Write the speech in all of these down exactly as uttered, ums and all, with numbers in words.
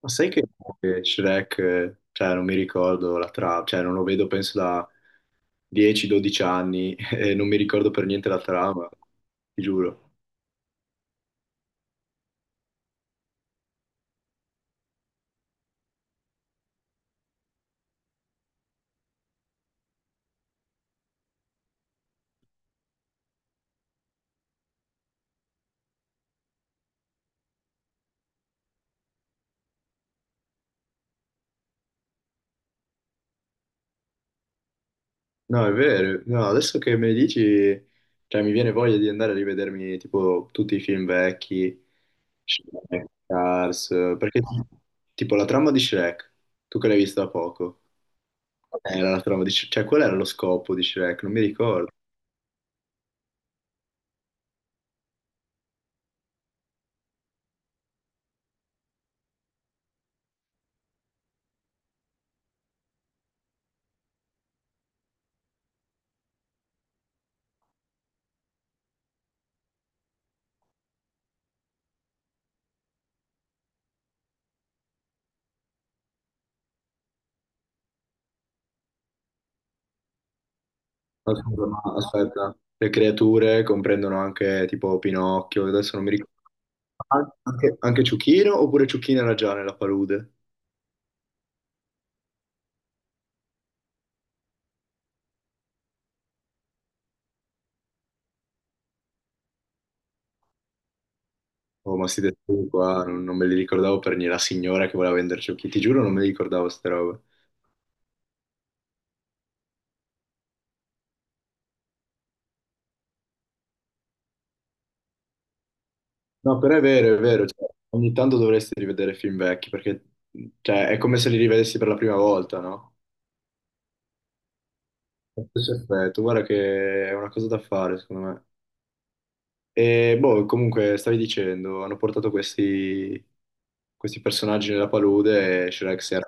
Ma sai che eh, Shrek, eh, cioè non mi ricordo la trama, cioè non lo vedo penso da dieci dodici anni e non mi ricordo per niente la trama, ti giuro. No, è vero, no, adesso che me ne dici, cioè mi viene voglia di andare a rivedermi tipo tutti i film vecchi, Shrek, Cars, eh, perché tipo la trama di Shrek, tu che l'hai vista da poco, qual era la trama di Shrek, cioè qual era lo scopo di Shrek, non mi ricordo. Ma scusa, ma aspetta, le creature comprendono anche tipo Pinocchio, adesso non mi ricordo. An- Anche, anche Ciuchino oppure Ciuchino era già nella palude? Oh, ma sti dettagli qua, non, non me li ricordavo per niente, la signora che voleva vendere Ciuchino, ti giuro non me li ricordavo queste robe. No, però è vero, è vero, cioè, ogni tanto dovresti rivedere film vecchi, perché cioè, è come se li rivedessi per la prima volta, no? Lo stesso effetto, guarda che è una cosa da fare, secondo me. E boh, comunque stavi dicendo, hanno portato questi, questi personaggi nella palude e Shrek si era...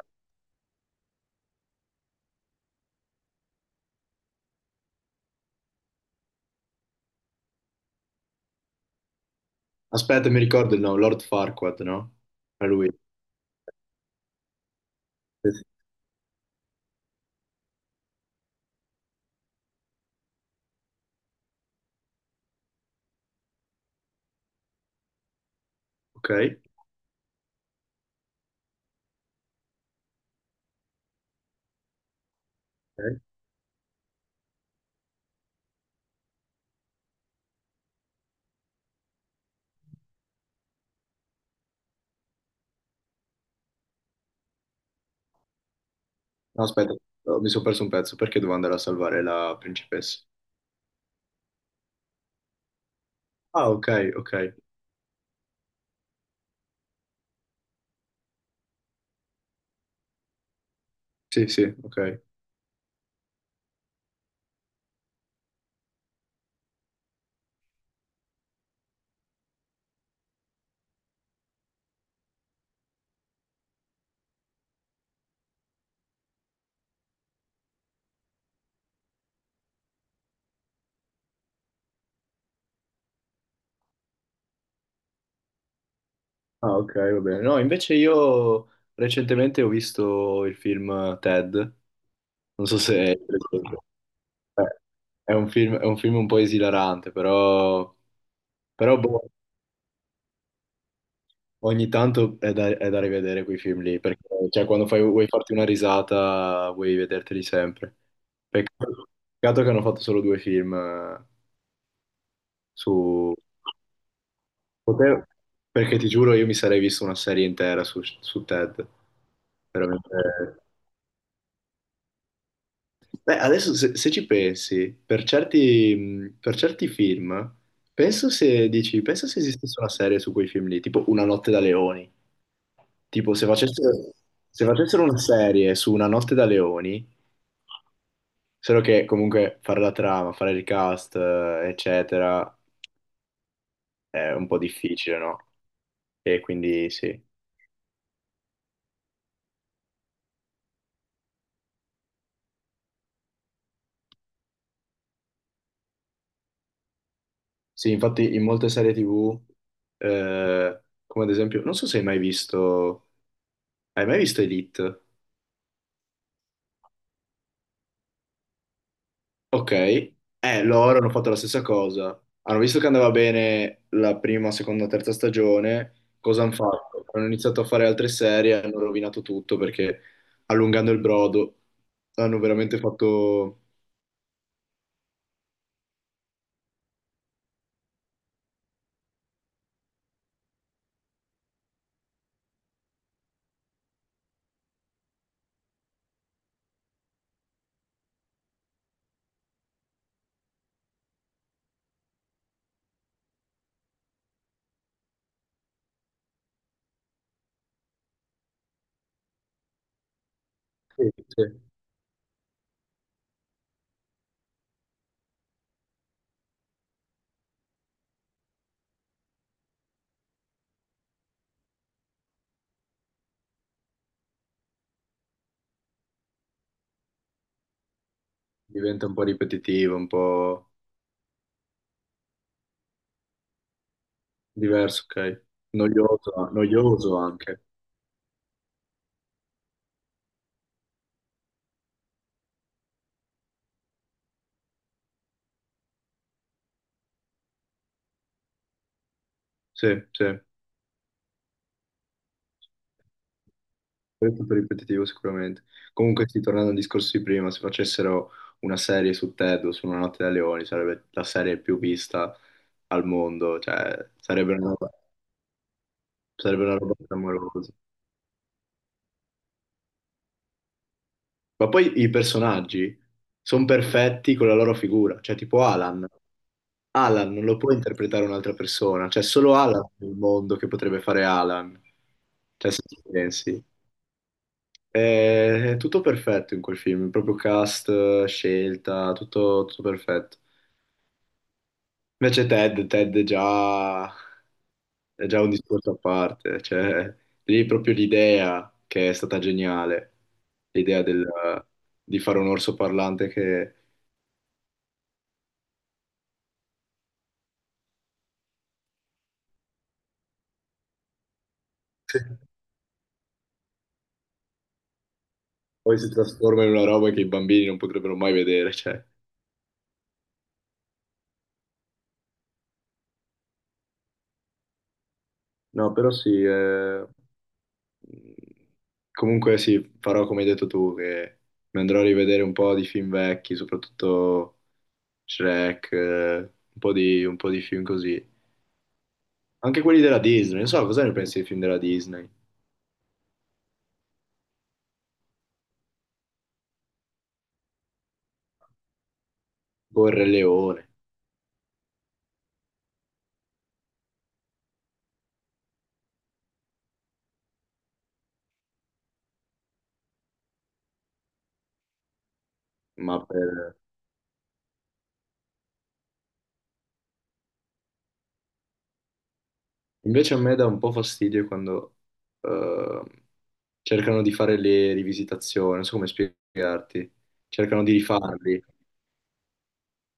Aspetta, mi ricordo il nome, Lord Farquaad, no? Era lui. Sì, sì. Ok. Ok. No, aspetta, oh, mi sono perso un pezzo perché dovevo andare a salvare la principessa. Ah, ok, ok. Sì, sì, ok. Ah, ok, va bene. No, invece io recentemente ho visto il film Ted, non so se... Eh, È un film, è un film un po' esilarante, però... Però boh, ogni tanto è da, è da, rivedere quei film lì, perché cioè, quando fai- vuoi farti una risata vuoi vederteli sempre. Peccato, peccato che hanno fatto solo due film eh, su... Potev- Perché ti giuro io mi sarei visto una serie intera su, su, Ted. Veramente. Beh, adesso se, se ci pensi, per certi, mh, per certi film, penso se dici, penso se esistesse una serie su quei film lì, tipo Una notte da leoni. Tipo, se facessero, se facessero una serie su Una notte da leoni, solo che comunque fare la trama, fare il cast, eh, eccetera, è un po' difficile, no? E quindi sì. Sì, infatti in molte serie tivù, eh, come ad esempio, non so se hai mai visto, hai mai visto Elite? Ok, eh, loro hanno fatto la stessa cosa. Hanno visto che andava bene la prima, seconda, terza stagione. Cosa hanno fatto? Hanno iniziato a fare altre serie, hanno rovinato tutto perché allungando il brodo hanno veramente fatto... Sì, sì. Diventa un po' ripetitivo, un po' diverso, ok? Noioso, noioso anche. Sì, sì. È tutto ripetitivo sicuramente. Comunque, sì, tornando al discorso di prima, se facessero una serie su Ted o su Una notte da leoni, sarebbe la serie più vista al mondo, cioè sarebbe una roba, sarebbe una roba clamorosa. Ma poi i personaggi sono perfetti con la loro figura, cioè tipo Alan. Alan non lo può interpretare un'altra persona, cioè solo Alan nel mondo che potrebbe fare Alan, cioè se ci pensi. È, è tutto perfetto in quel film, proprio cast, scelta, tutto, tutto perfetto. Invece Ted, Ted è già, è già un discorso a parte, cioè lì proprio l'idea che è stata geniale, l'idea del- di fare un orso parlante che Sì. Poi si trasforma in una roba che i bambini non potrebbero mai vedere, cioè. No, però sì. Comunque sì, farò come hai detto tu, che mi andrò a rivedere un po' di film vecchi, soprattutto Shrek, eh, un po' di, un po' di film così. Anche quelli della Disney, non so cosa ne pensi dei film della Disney, tipo Il Re Leone, ma per... Invece a me dà un po' fastidio quando eh, cercano di fare le rivisitazioni, non so come spiegarti, cercano di rifarli.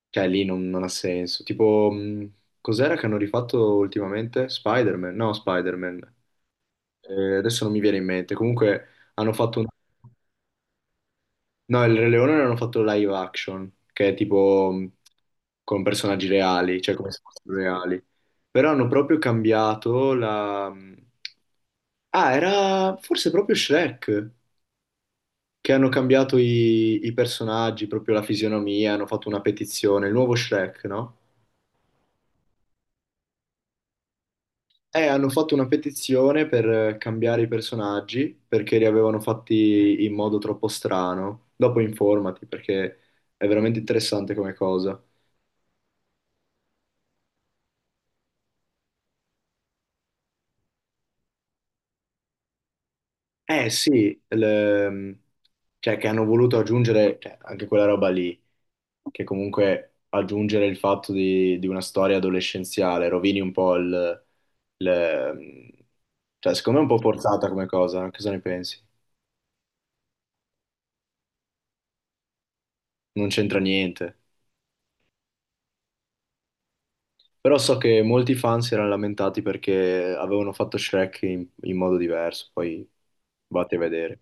Cioè, lì non, non ha senso. Tipo, mh, cos'era che hanno rifatto ultimamente? Spider-Man? No, Spider-Man. Eh, adesso non mi viene in mente. Comunque, hanno fatto un... No, il Re Leone l'hanno fatto live action, che è tipo mh, con personaggi reali, cioè come se fossero reali. Però hanno proprio cambiato la... mm, Ah, era forse proprio Shrek, che hanno cambiato i, i personaggi, proprio la fisionomia, hanno fatto una petizione, il nuovo Shrek, no? Eh, hanno fatto una petizione per eh, cambiare i personaggi perché li avevano fatti in modo troppo strano. Dopo informati perché è veramente interessante come cosa. Eh sì, le- cioè che hanno voluto aggiungere cioè, anche quella roba lì, che comunque aggiungere il fatto di, di una storia adolescenziale rovini un po' il... il- cioè secondo me è un po' forzata come cosa. Cosa ne pensi? Non c'entra niente. Però so che molti fan si erano lamentati perché avevano fatto Shrek in, in modo diverso, poi vate a vedere.